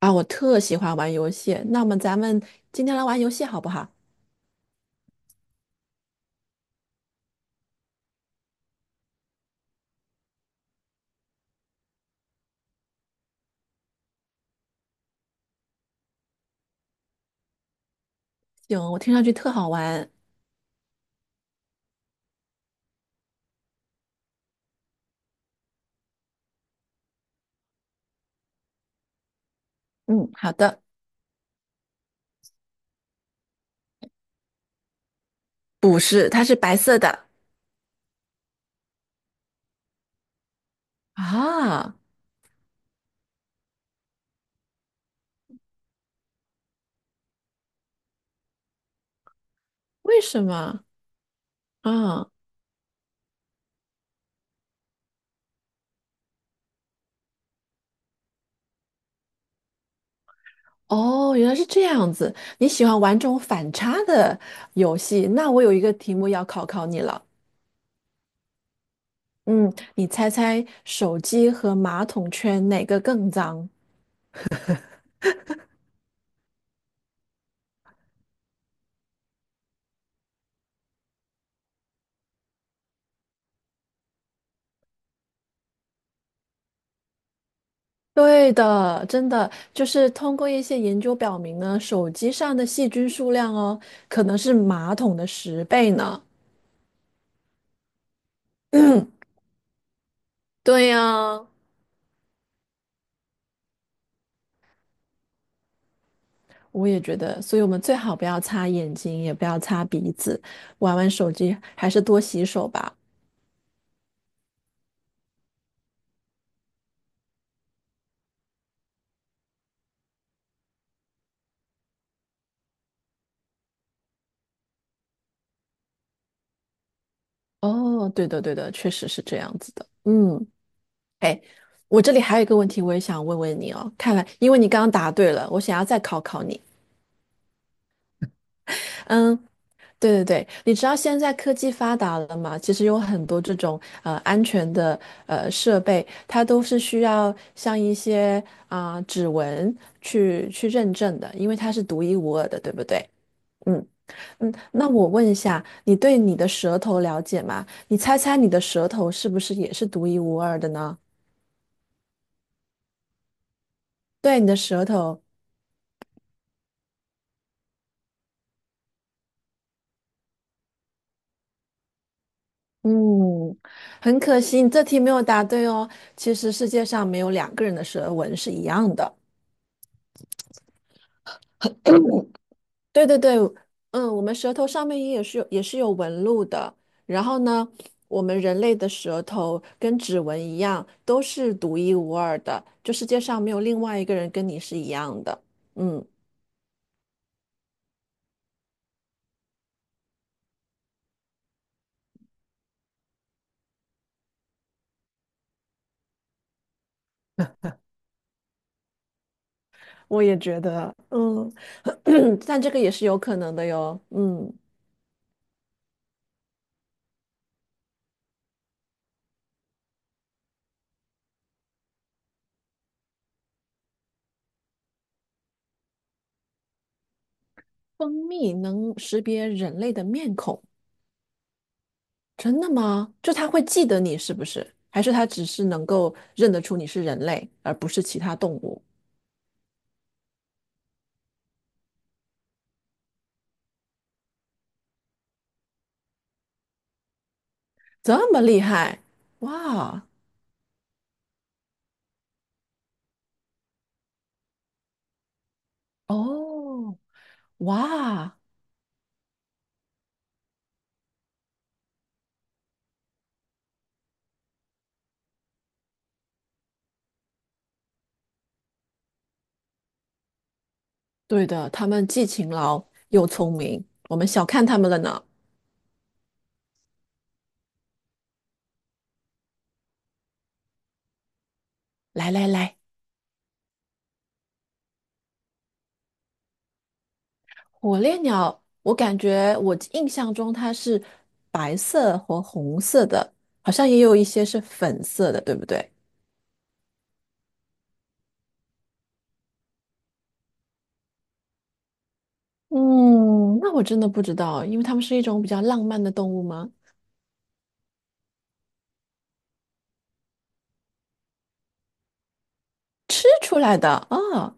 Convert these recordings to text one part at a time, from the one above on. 啊，我特喜欢玩游戏。那么咱们今天来玩游戏好不好？行，我听上去特好玩。嗯，好的。不是，它是白色的。啊，为什么？啊，哦，原来是这样子。你喜欢玩这种反差的游戏？那我有一个题目要考考你了。嗯，你猜猜手机和马桶圈哪个更脏？对的，真的就是通过一些研究表明呢，手机上的细菌数量哦，可能是马桶的10倍呢。对呀，我也觉得，所以我们最好不要擦眼睛，也不要擦鼻子，玩玩手机，还是多洗手吧。哦，对的，对的，确实是这样子的。嗯，哎，我这里还有一个问题，我也想问问你哦。看来，因为你刚刚答对了，我想要再考考你。嗯。对对对，你知道现在科技发达了嘛？其实有很多这种安全的设备，它都是需要像一些啊、指纹去认证的，因为它是独一无二的，对不对？嗯嗯，那我问一下，你对你的舌头了解吗？你猜猜你的舌头是不是也是独一无二的呢？对，你的舌头，嗯，很可惜，你这题没有答对哦。其实世界上没有两个人的舌纹是一样的。对对对，嗯，我们舌头上面也是有纹路的。然后呢，我们人类的舌头跟指纹一样，都是独一无二的，就世界上没有另外一个人跟你是一样的。嗯，我也觉得，嗯，但这个也是有可能的哟。嗯，蜂蜜能识别人类的面孔，真的吗？就它会记得你是不是？还是它只是能够认得出你是人类，而不是其他动物？这么厉害，哇！哦，哇，对的，他们既勤劳又聪明，我们小看他们了呢。来来来，火烈鸟，我感觉我印象中它是白色和红色的，好像也有一些是粉色的，对不对？嗯，那我真的不知道，因为它们是一种比较浪漫的动物吗？吃出来的啊，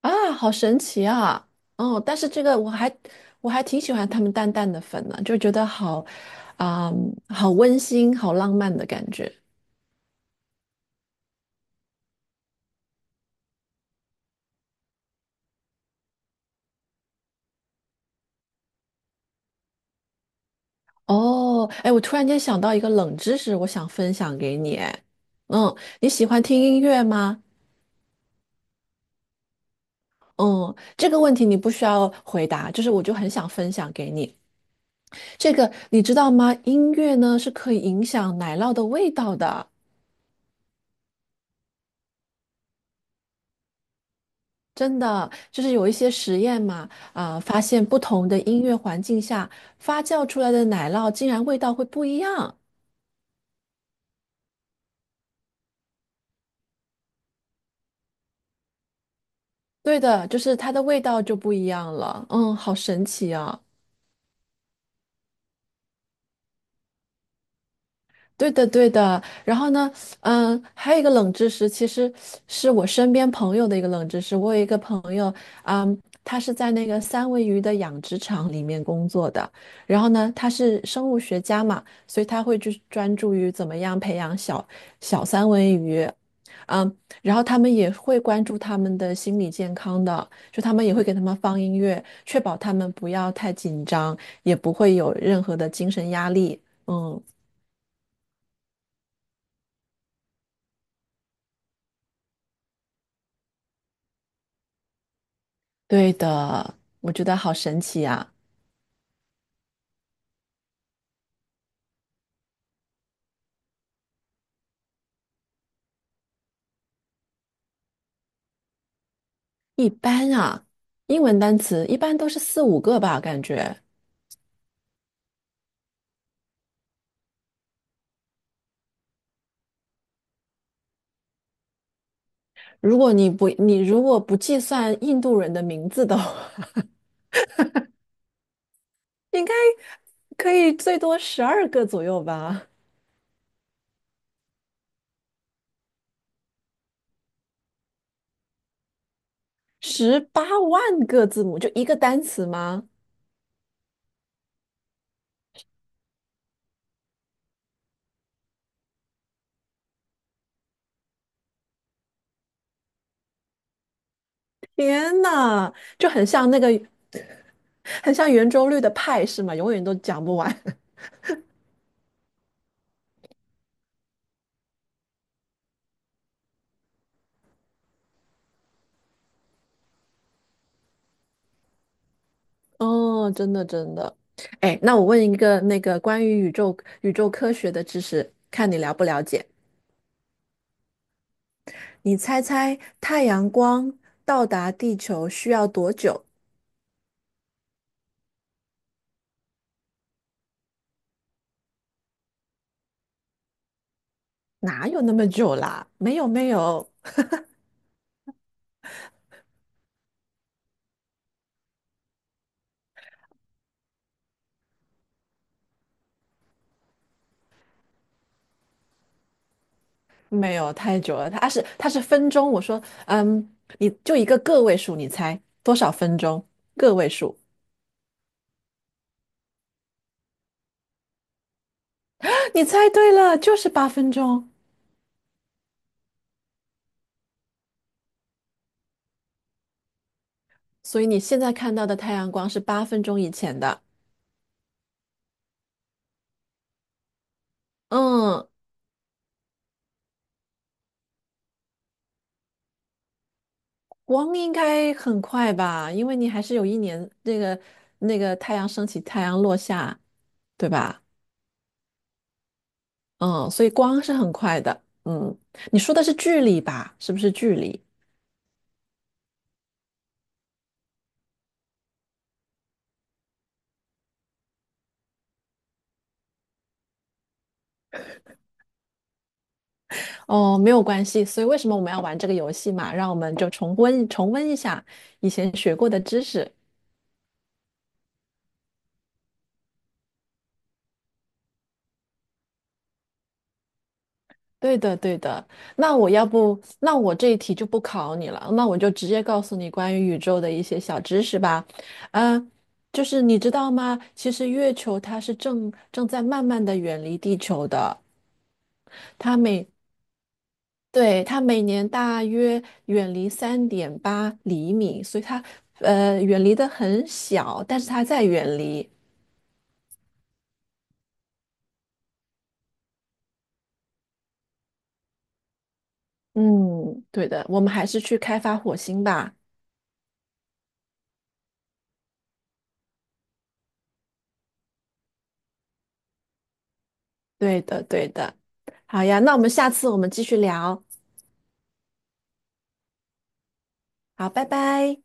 啊，好神奇啊！哦，但是这个我还我还挺喜欢他们淡淡的粉呢、就觉得好，啊、好温馨、好浪漫的感觉。哦，哎，我突然间想到一个冷知识，我想分享给你。哎，嗯，你喜欢听音乐吗？嗯，这个问题你不需要回答，就是我就很想分享给你。这个你知道吗？音乐呢是可以影响奶酪的味道的。真的就是有一些实验嘛，啊、发现不同的音乐环境下发酵出来的奶酪竟然味道会不一样。对的，就是它的味道就不一样了。嗯，好神奇啊！对的，对的。然后呢，嗯，还有一个冷知识，其实是我身边朋友的一个冷知识。我有一个朋友，嗯，他是在那个三文鱼的养殖场里面工作的。然后呢，他是生物学家嘛，所以他会去专注于怎么样培养小小三文鱼。嗯，然后他们也会关注他们的心理健康的，就他们也会给他们放音乐，确保他们不要太紧张，也不会有任何的精神压力。嗯。对的，我觉得好神奇呀、一般啊，英文单词一般都是四五个吧，感觉。如果你不，你如果不计算印度人的名字的话，应该可以最多12个左右吧。18万个字母就一个单词吗？天呐，就很像那个，很像圆周率的派是吗？永远都讲不完。哦，真的真的。哎，那我问一个那个关于宇宙科学的知识，看你了不了解。你猜猜太阳光到达地球需要多久？哪有那么久啦？没有没有没有太久了，它是它是分钟。我说，嗯，你就一个个位数，你猜多少分钟？个位数，你猜对了，就是8分钟。所以你现在看到的太阳光是八分钟以前的。嗯，光应该很快吧，因为你还是有一年那个那个太阳升起，太阳落下，对吧？嗯，所以光是很快的。嗯，你说的是距离吧？是不是距离？哦，没有关系。所以为什么我们要玩这个游戏嘛？让我们就重温重温一下以前学过的知识。对的，对的。那我要不，那我这一题就不考你了，那我就直接告诉你关于宇宙的一些小知识吧。嗯，就是你知道吗？其实月球它是正在慢慢的远离地球的。它每对，它每年大约远离3.8厘米，所以它远离的很小，但是它在远离。嗯，对的，我们还是去开发火星吧。对的，对的。好呀，那我们下次我们继续聊。好，拜拜。